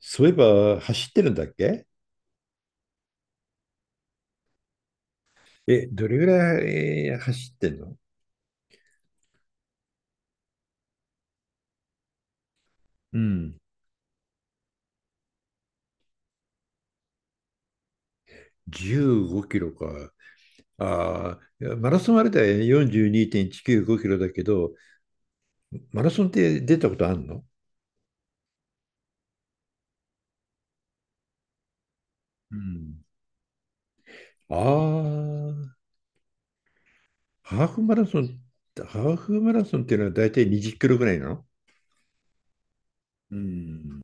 そういえば走ってるんだっけ？え、どれぐらい走ってんの？うん、15キロか。ああ、いやマラソンあれだよね、42.195キロだけど、マラソンって出たことあんの？うん。ああ、ハーフマラソン、ハーフマラソンっていうのは大体20キロぐらいなの？うん。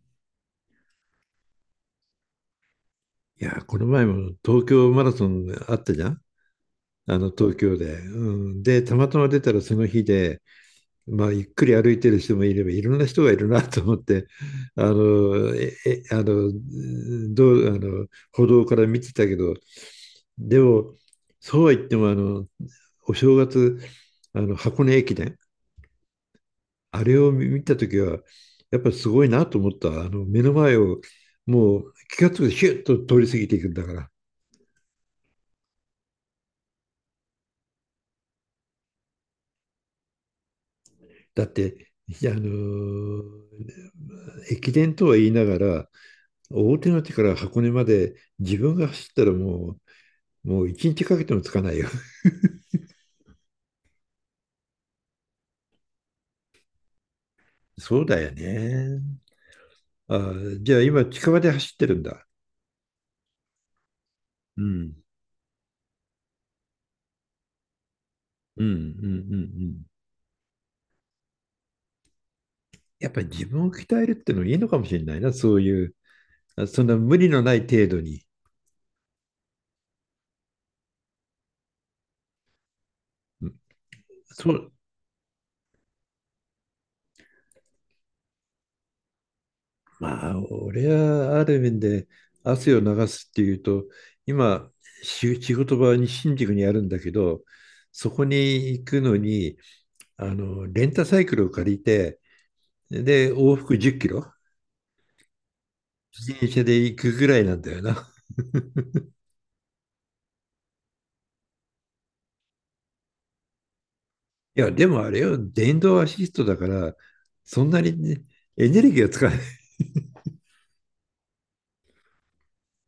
いや、この前も東京マラソンあったじゃん。あの東京で。うん、で、たまたま出たらその日で、まあ、ゆっくり歩いてる人もいればいろんな人がいるなと思って、あのええあのあの歩道から見てたけど、でもそうは言ってもあのお正月、あの箱根駅伝、あれを見た時はやっぱりすごいなと思った。あの目の前をもう気が付くとヒュッと通り過ぎていくんだから。だって、いや、あの駅伝とは言いながら、大手町から箱根まで自分が走ったらもう一日かけてもつかないよ。そうだよね。あ、じゃあ今近場で走ってるんだ。うん。うんうんうんうん。やっぱり自分を鍛えるってのいいのかもしれないな、そういう、あそんな無理のない程度に。うん。そう、まあ、俺はある面で汗を流すっていうと、今、仕事場に新宿にあるんだけど、そこに行くのに、あの、レンタサイクルを借りて、で、往復10キロ自転車で行くぐらいなんだよな。いや、でもあれよ、電動アシストだから、そんなに、ね、エネルギーを使わない。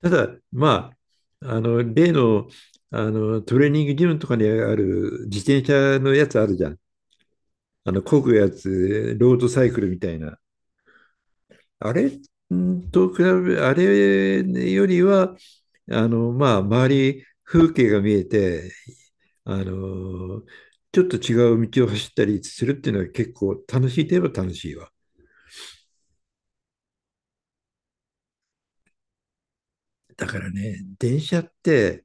ただ、まあ、の、例の、あの、トレーニングジムとかにある自転車のやつあるじゃん。あの、漕ぐやつ、ロードサイクルみたいな。あれと比べ、あれよりは、あの、まあ、周り、風景が見えて、あのちょっと違う道を走ったりするっていうのは、結構楽しいといえば楽しいわ。だからね、電車って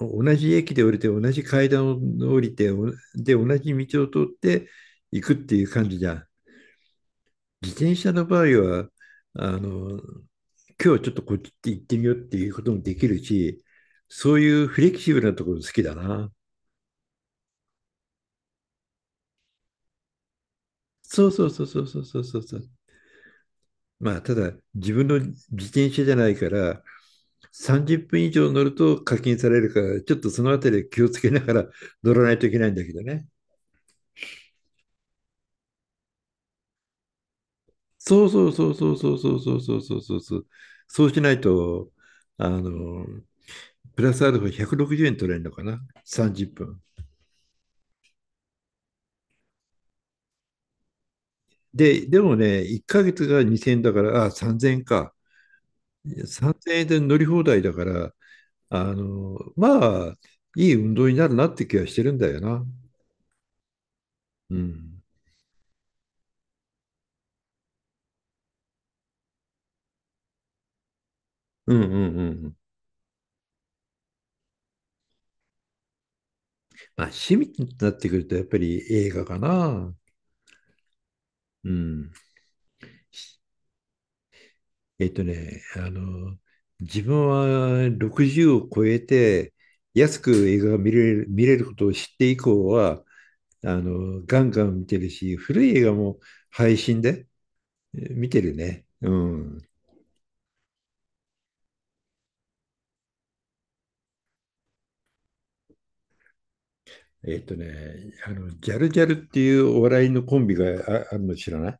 同じ駅で降りて、同じ階段を降りて、で、同じ道を通って行くっていう感じじゃん。自転車の場合は、あの、今日ちょっとこっち行ってみようっていうこともできるし、そういうフレキシブルなところ好きだな。そうそうそうそうそうそうそう。まあ、ただ、自分の自転車じゃないから、30分以上乗ると課金されるから、ちょっとそのあたり気をつけながら 乗らないといけないんだけどね。そうそうそうそうそうそうそうそうそうそうそう。そうしないと、あの、プラスアルファ160円取れるのかな、30分。でもね、1ヶ月が2000円だから、あ、3000円か。3000円で乗り放題だから、あの、まあ、いい運動になるなって気はしてるんだよな。うん。うんうんうんうん。まあ、趣味になってくると、やっぱり映画かな。うん。えっとね、あの、自分は60を超えて、安く映画が見れる、見れることを知って以降は、あの、ガンガン見てるし、古い映画も配信で見てるね。うん。えっとね、あの、ジャルジャルっていうお笑いのコンビがあるの知らない？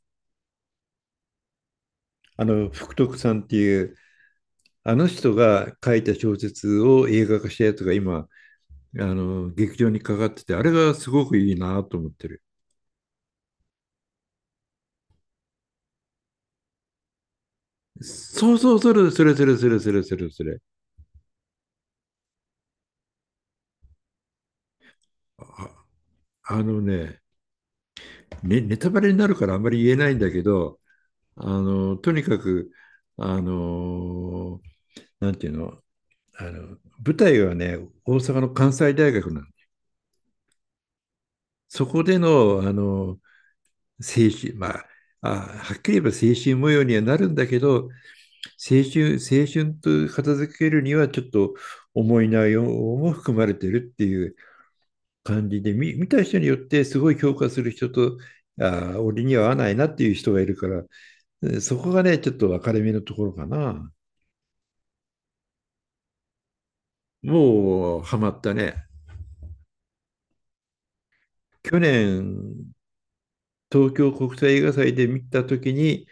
あの、福徳さんっていうあの人が書いた小説を映画化したやつが今、あの、劇場にかかってて、あれがすごくいいなと思ってる。そうそう、それ、それ、それ、それ、それ、それ、それ。あ、あのね、ね、ネタバレになるからあんまり言えないんだけど、あの、とにかく、あの、なんていうの、あの、舞台はね、大阪の関西大学なんで、そこでの、あの、精神、まあ、あ、はっきり言えば精神模様にはなるんだけど、青春、青春と片付けるにはちょっと重い内容も含まれてるっていう感じで、見た人によってすごい評価する人と、ああ、俺には合わないなっていう人がいるから、そこがね、ちょっと分かれ目のところかな。もうハマったね。去年、東京国際映画祭で見たときに、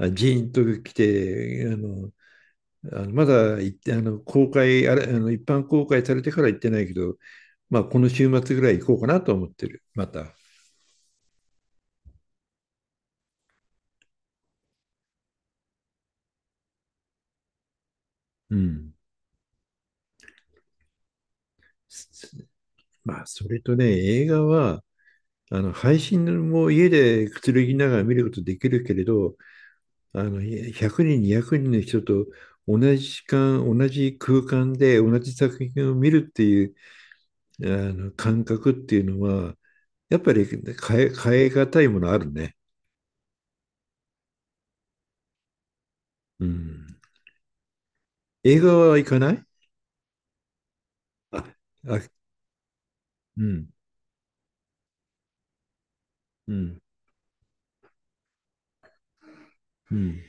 ジーンと来て、あの、あのまだ行って、あの、公開、あれ、あの、一般公開されてから行ってないけど、まあ、この週末ぐらい行こうかなと思ってる。また。うん。まあ、それとね、映画は、あの、配信も家でくつろぎながら見ることできるけれど、あの、100人、200人の人と同じ時間、同じ空間で同じ作品を見るっていう、あの、感覚っていうのは、やっぱり変え難いものあるね。うん。映画は行かない？あ、あ、うん、うん、うん。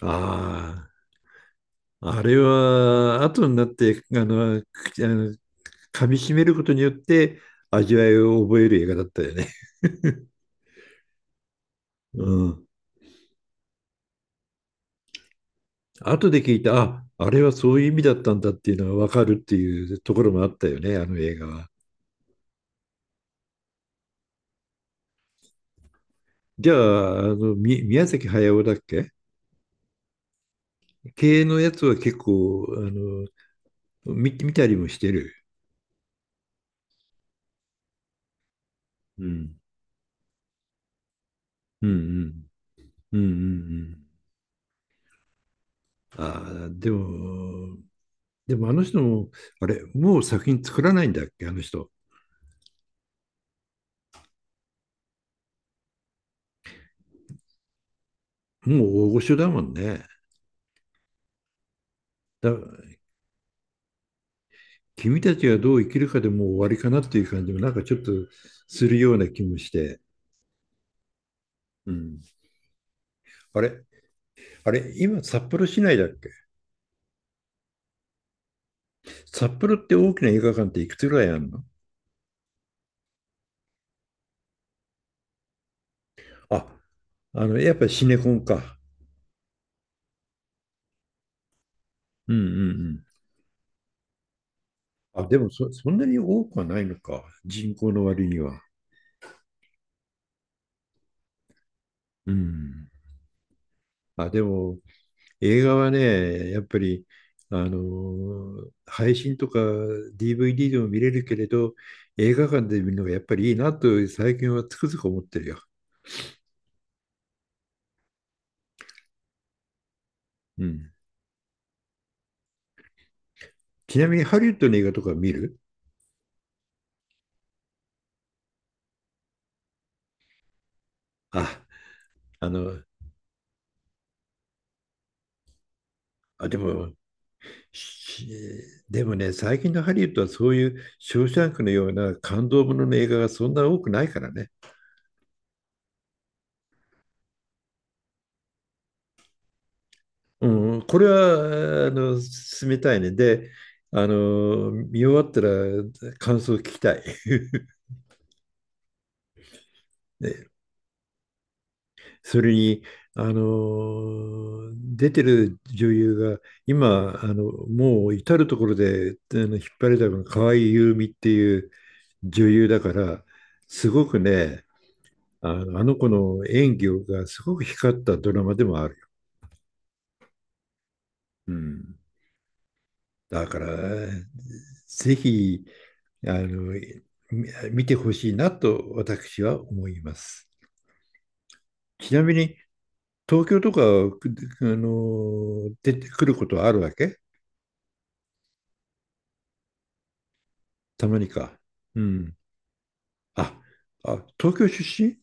ああ。あれは後になってあのくあの噛み締めることによって味わいを覚える映画だったよね。うん。後で聞いた、あ、あれはそういう意味だったんだっていうのが分かるっていうところもあったよね、あの映画は。じゃあ、あの、宮崎駿だっけ系のやつは結構、あの、見たりもしてる。うん。うんうん。うんうんうん。ああ、でも、あの人も、あれ、もう作品作らないんだっけ、あの人。もう大御所だもんね。だ君たちがどう生きるかでもう終わりかなっていう感じもなんかちょっとするような気もして。うん、あれあれ今札幌市内だっけ？札幌って大きな映画館っていくつぐらいあるの？あ、あの、やっぱりシネコンか。うんうんうん。あ、でもそんなに多くはないのか。人口の割には。うん。あ、でも、映画はね、やっぱり、あのー配信とか DVD でも見れるけれど、映画館で見るのがやっぱりいいなと最近はつくづく思ってるよ。うん。ちなみにハリウッドの映画とか見る？あ、あの、あ、でも、しでもね、最近のハリウッドはそういうショーシャンクのような感動ものの映画がそんな多くないからね。うん、これは、あの、進めたいね。で、あの、見終わったら感想を聞きたい。ね、それに、あの、出てる女優が、今、あの、もう至るところで、あの、引っ張りだこの河合優実っていう女優だから、すごくね、あの、あの子の演技がすごく光ったドラマでもあるよ。うん。だから、ぜひ、あの、見てほしいなと私は思います。ちなみに、東京とか、くあの、出てくることはあるわけ？たまにか。うん。あ、あ、東京出身？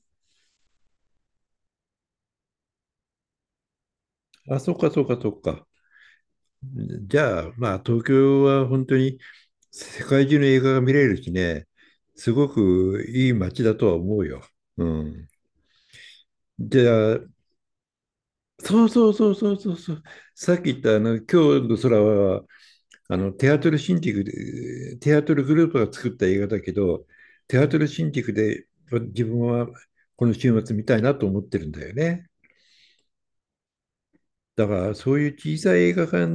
あ、そうか、そうか、そうか。じゃあ、まあ、東京は本当に世界中の映画が見れるしね、すごくいい街だとは思うよ。うん。じゃあ、そうそうそうそうそうそう。さっき言ったあの今日の空は、あのテアトルシンティクでテアトルグループが作った映画だけど、テアトルシンティクで自分はこの週末見たいなと思ってるんだよね。だからそういう小さい映画館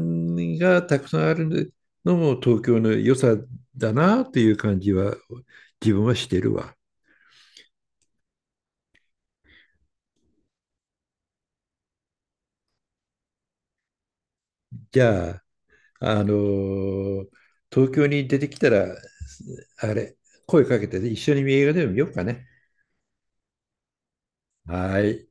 がたくさんあるのも東京の良さだなという感じは自分はしてるわ。じゃあ、あのー東京に出てきたら、あれ、声かけて一緒に映画でも見ようかね。はい。